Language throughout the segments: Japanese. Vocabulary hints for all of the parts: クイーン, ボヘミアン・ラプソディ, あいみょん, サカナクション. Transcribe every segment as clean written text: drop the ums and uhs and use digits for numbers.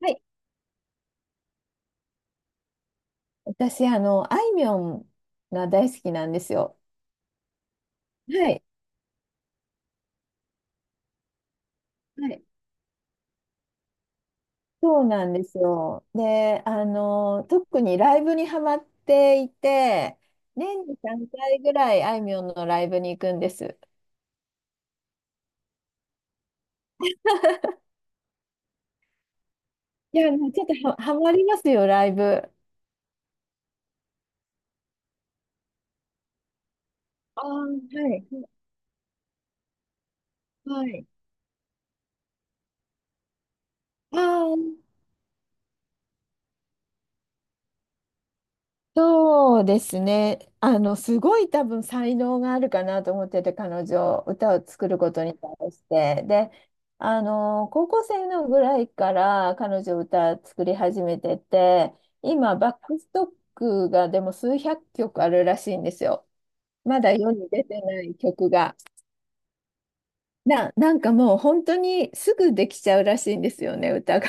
はい。私、あいみょんが大好きなんですよ。はい。はい。そうなんですよ。で、特にライブにハマっていて、年に3回ぐらいあいみょんのライブに行くんです。いや、もうちょっと、ハマりますよ、ライブ。ああ、はい。はい。ああ、そうですね。すごい多分才能があるかなと思ってて、彼女、歌を作ることに対して。で、高校生のぐらいから彼女歌作り始めてて、今、バックストックがでも数百曲あるらしいんですよ。まだ世に出てない曲が。なんかもう本当にすぐできちゃうらしいんですよね、歌が。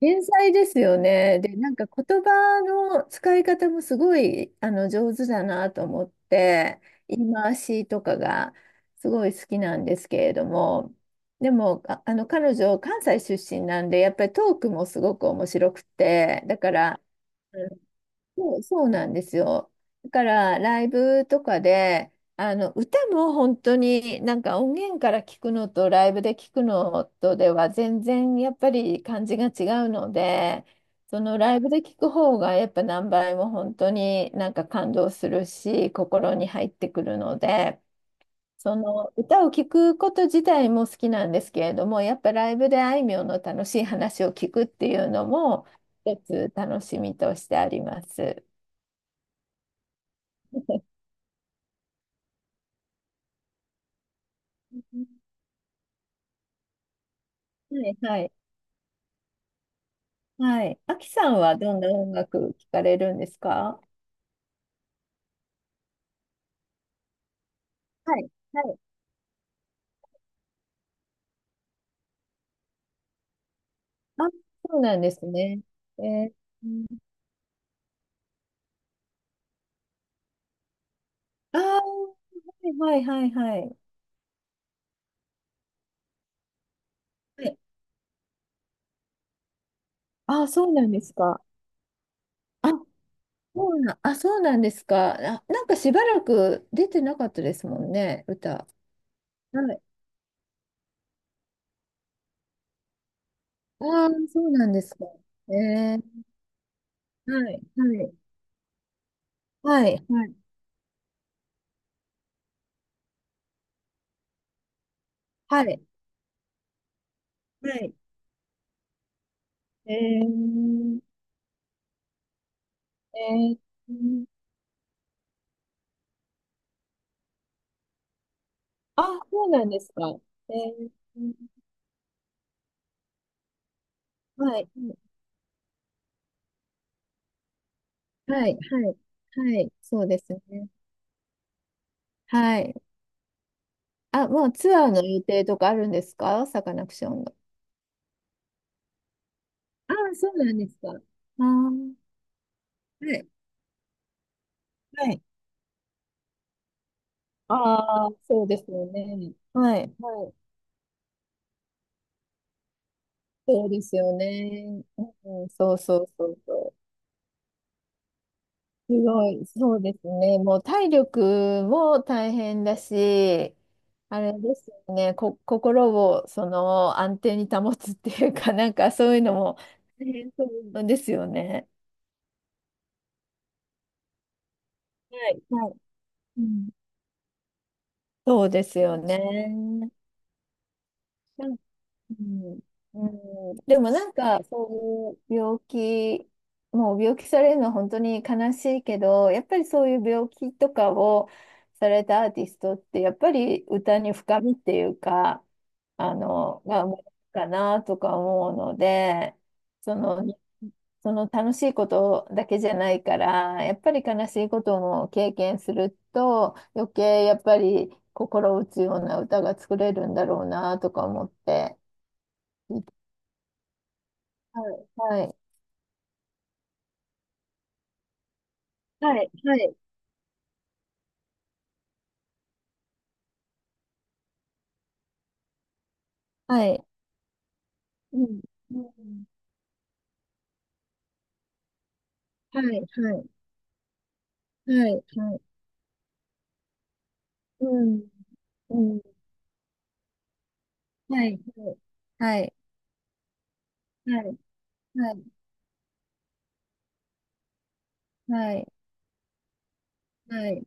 天才ですよね。で、なんか言葉の使い方もすごい上手だなと思って、言い回しとかがすごい好きなんですけれども、でも、彼女、関西出身なんで、やっぱりトークもすごく面白くて、だから、そう、そうなんですよ。だからライブとかであの歌も本当になんか音源から聞くのとライブで聞くのとでは全然やっぱり感じが違うので、そのライブで聞く方がやっぱ何倍も本当になんか感動するし、心に入ってくるので、その歌を聞くこと自体も好きなんですけれども、やっぱライブであいみょんの楽しい話を聞くっていうのも一つ楽しみとしてあります。はい、はい、はい。あきさんはどんな音楽聞かれるんですか？はい、はい。あ、そうなんですね。えー、ああはい、はい、はい、はい。はいあ、そうなんですか。あ、あ、そうなんですか。あ、なんかしばらく出てなかったですもんね、歌。はい。ああ、そうなんですか。えー、はい、はい、はい、はい、はい。はいえー、えーあ、そうなんですか。えー、はい、はい、はい、はい、そうですね。はい。あ、もうツアーの予定とかあるんですかサカナクションの？ああ、そうなんですか。ああ、はい、はい。ああ、そうですよね。はい、はい。そうですよね。うん、そうそうそうそう。すごい、そうですね。もう体力も大変だし、あれですよね、心をその安定に保つっていうか、なんかそういうのも大変そうですよね。はい、はい。うん、そうですよね。なんうん、うんでもなんかそういう病気、もう病気されるのは本当に悲しいけど、やっぱりそういう病気とかをされたアーティストって、やっぱり歌に深みっていうか、が生まれるかなとか思うので、その、その楽しいことだけじゃないから、やっぱり悲しいことも経験すると、余計やっぱり心打つような歌が作れるんだろうなとか思って。はいはい。はい、はい、はい。うん、うん、はい、はい、はい、はい、うん、うん、はい、はい。はい、はい、はい、はい、はい、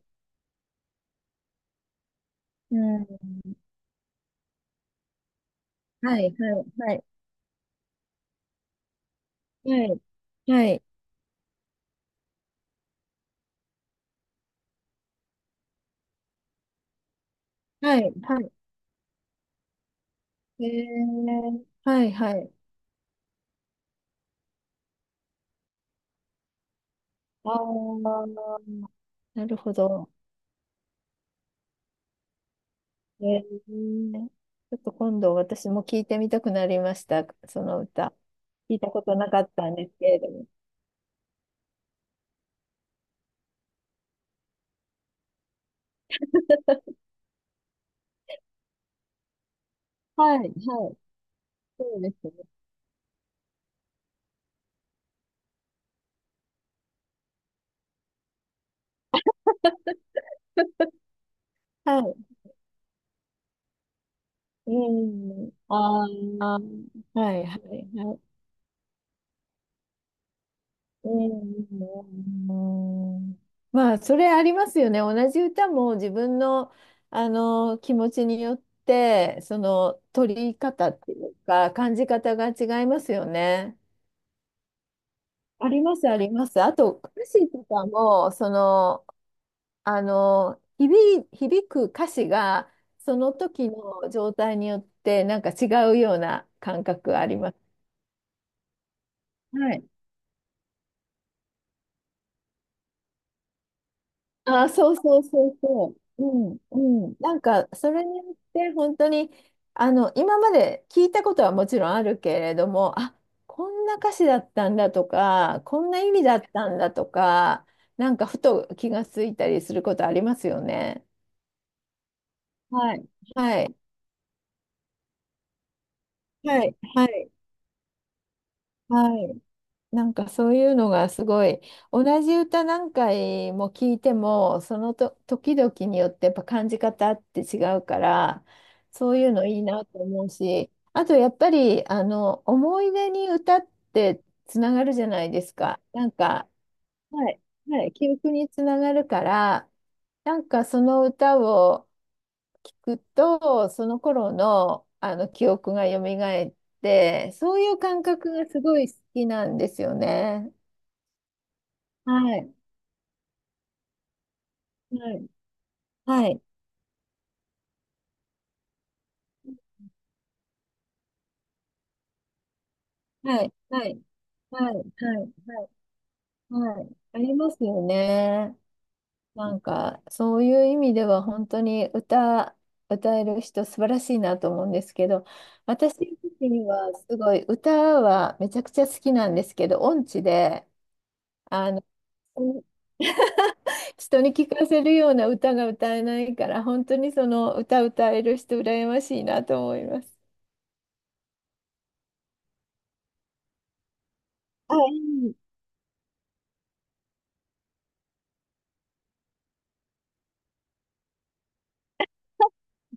うん、はい、はい、はい、はい、はい、はい、はい、えー、はい、はい、あー、なるほど。えー、ちょっと今度私も聞いてみたくなりました。その歌。聞いたことなかったんですけれども。はい、はい。そうですね。はい。うん。ああ、はいはいはい。うん。まあ、それありますよね。同じ歌も自分の、あの気持ちによって、その取り方っていうか、感じ方が違いますよね。ありますあります。あと、歌詞とかも、響く歌詞が、その時の状態によって、なんか違うような感覚あります。はい。あー、そうそうそうそう。うん、うん。なんか、それによって、本当に、今まで聞いたことはもちろんあるけれども、あ、こんな歌詞だったんだとか、こんな意味だったんだとか、なんか、ふと気がついたりすることありますよね。はい。はい。はい。はい。はい。はいなんかそういうのがすごい同じ歌何回も聞いても、そのと時々によってやっぱ感じ方って違うから、そういうのいいなと思うし、あとやっぱり思い出に歌ってつながるじゃないですか、なんか、はいはい、記憶につながるから、なんかその歌を聞くと、その頃のあの記憶が蘇って、そういう感覚がすごい好きなんですよね。はい、はい、はい、はい、はい、はい、はい、はいはいありますよね。なんか、そういう意味では本当に歌える人素晴らしいなと思うんですけど、私自身はすごい歌はめちゃくちゃ好きなんですけど、音痴で、あの、人に聞かせるような歌が歌えないから、本当にその歌歌える人羨ましいなと思います。あ、いい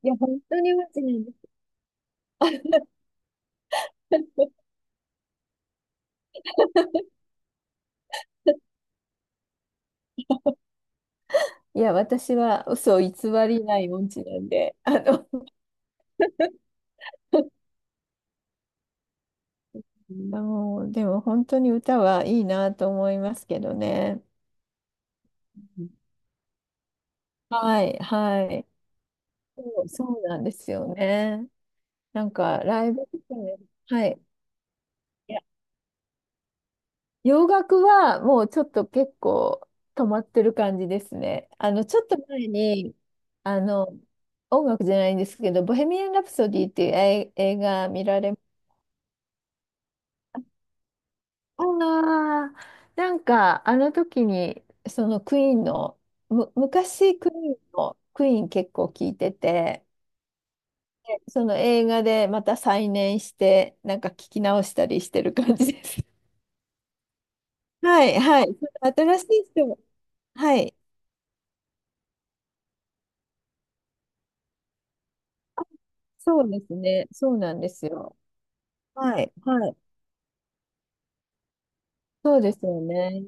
いや、本当にマジなんです。いや、私は嘘を偽りない音痴なんで、もう、でも本当に歌はいいなと思いますけどね。はい、はい。そうそうなんですよね。なんか、ライブとかね、はい。いや洋楽はもうちょっと結構止まってる感じですね。ちょっと前に、あの、音楽じゃないんですけど、ボヘミアン・ラプソディっていう映画見られ？ああ、なんか、あの時に、そのクイーンの、む、昔クイーンの、クイーン結構聞いてて、でその映画でまた再燃して、なんか聞き直したりしてる感じです。はい、はい。新しい人も、はい。そうですね。そうなんですよ。はい、はい。そうですよね。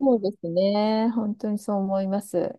そうですね。本当にそう思います。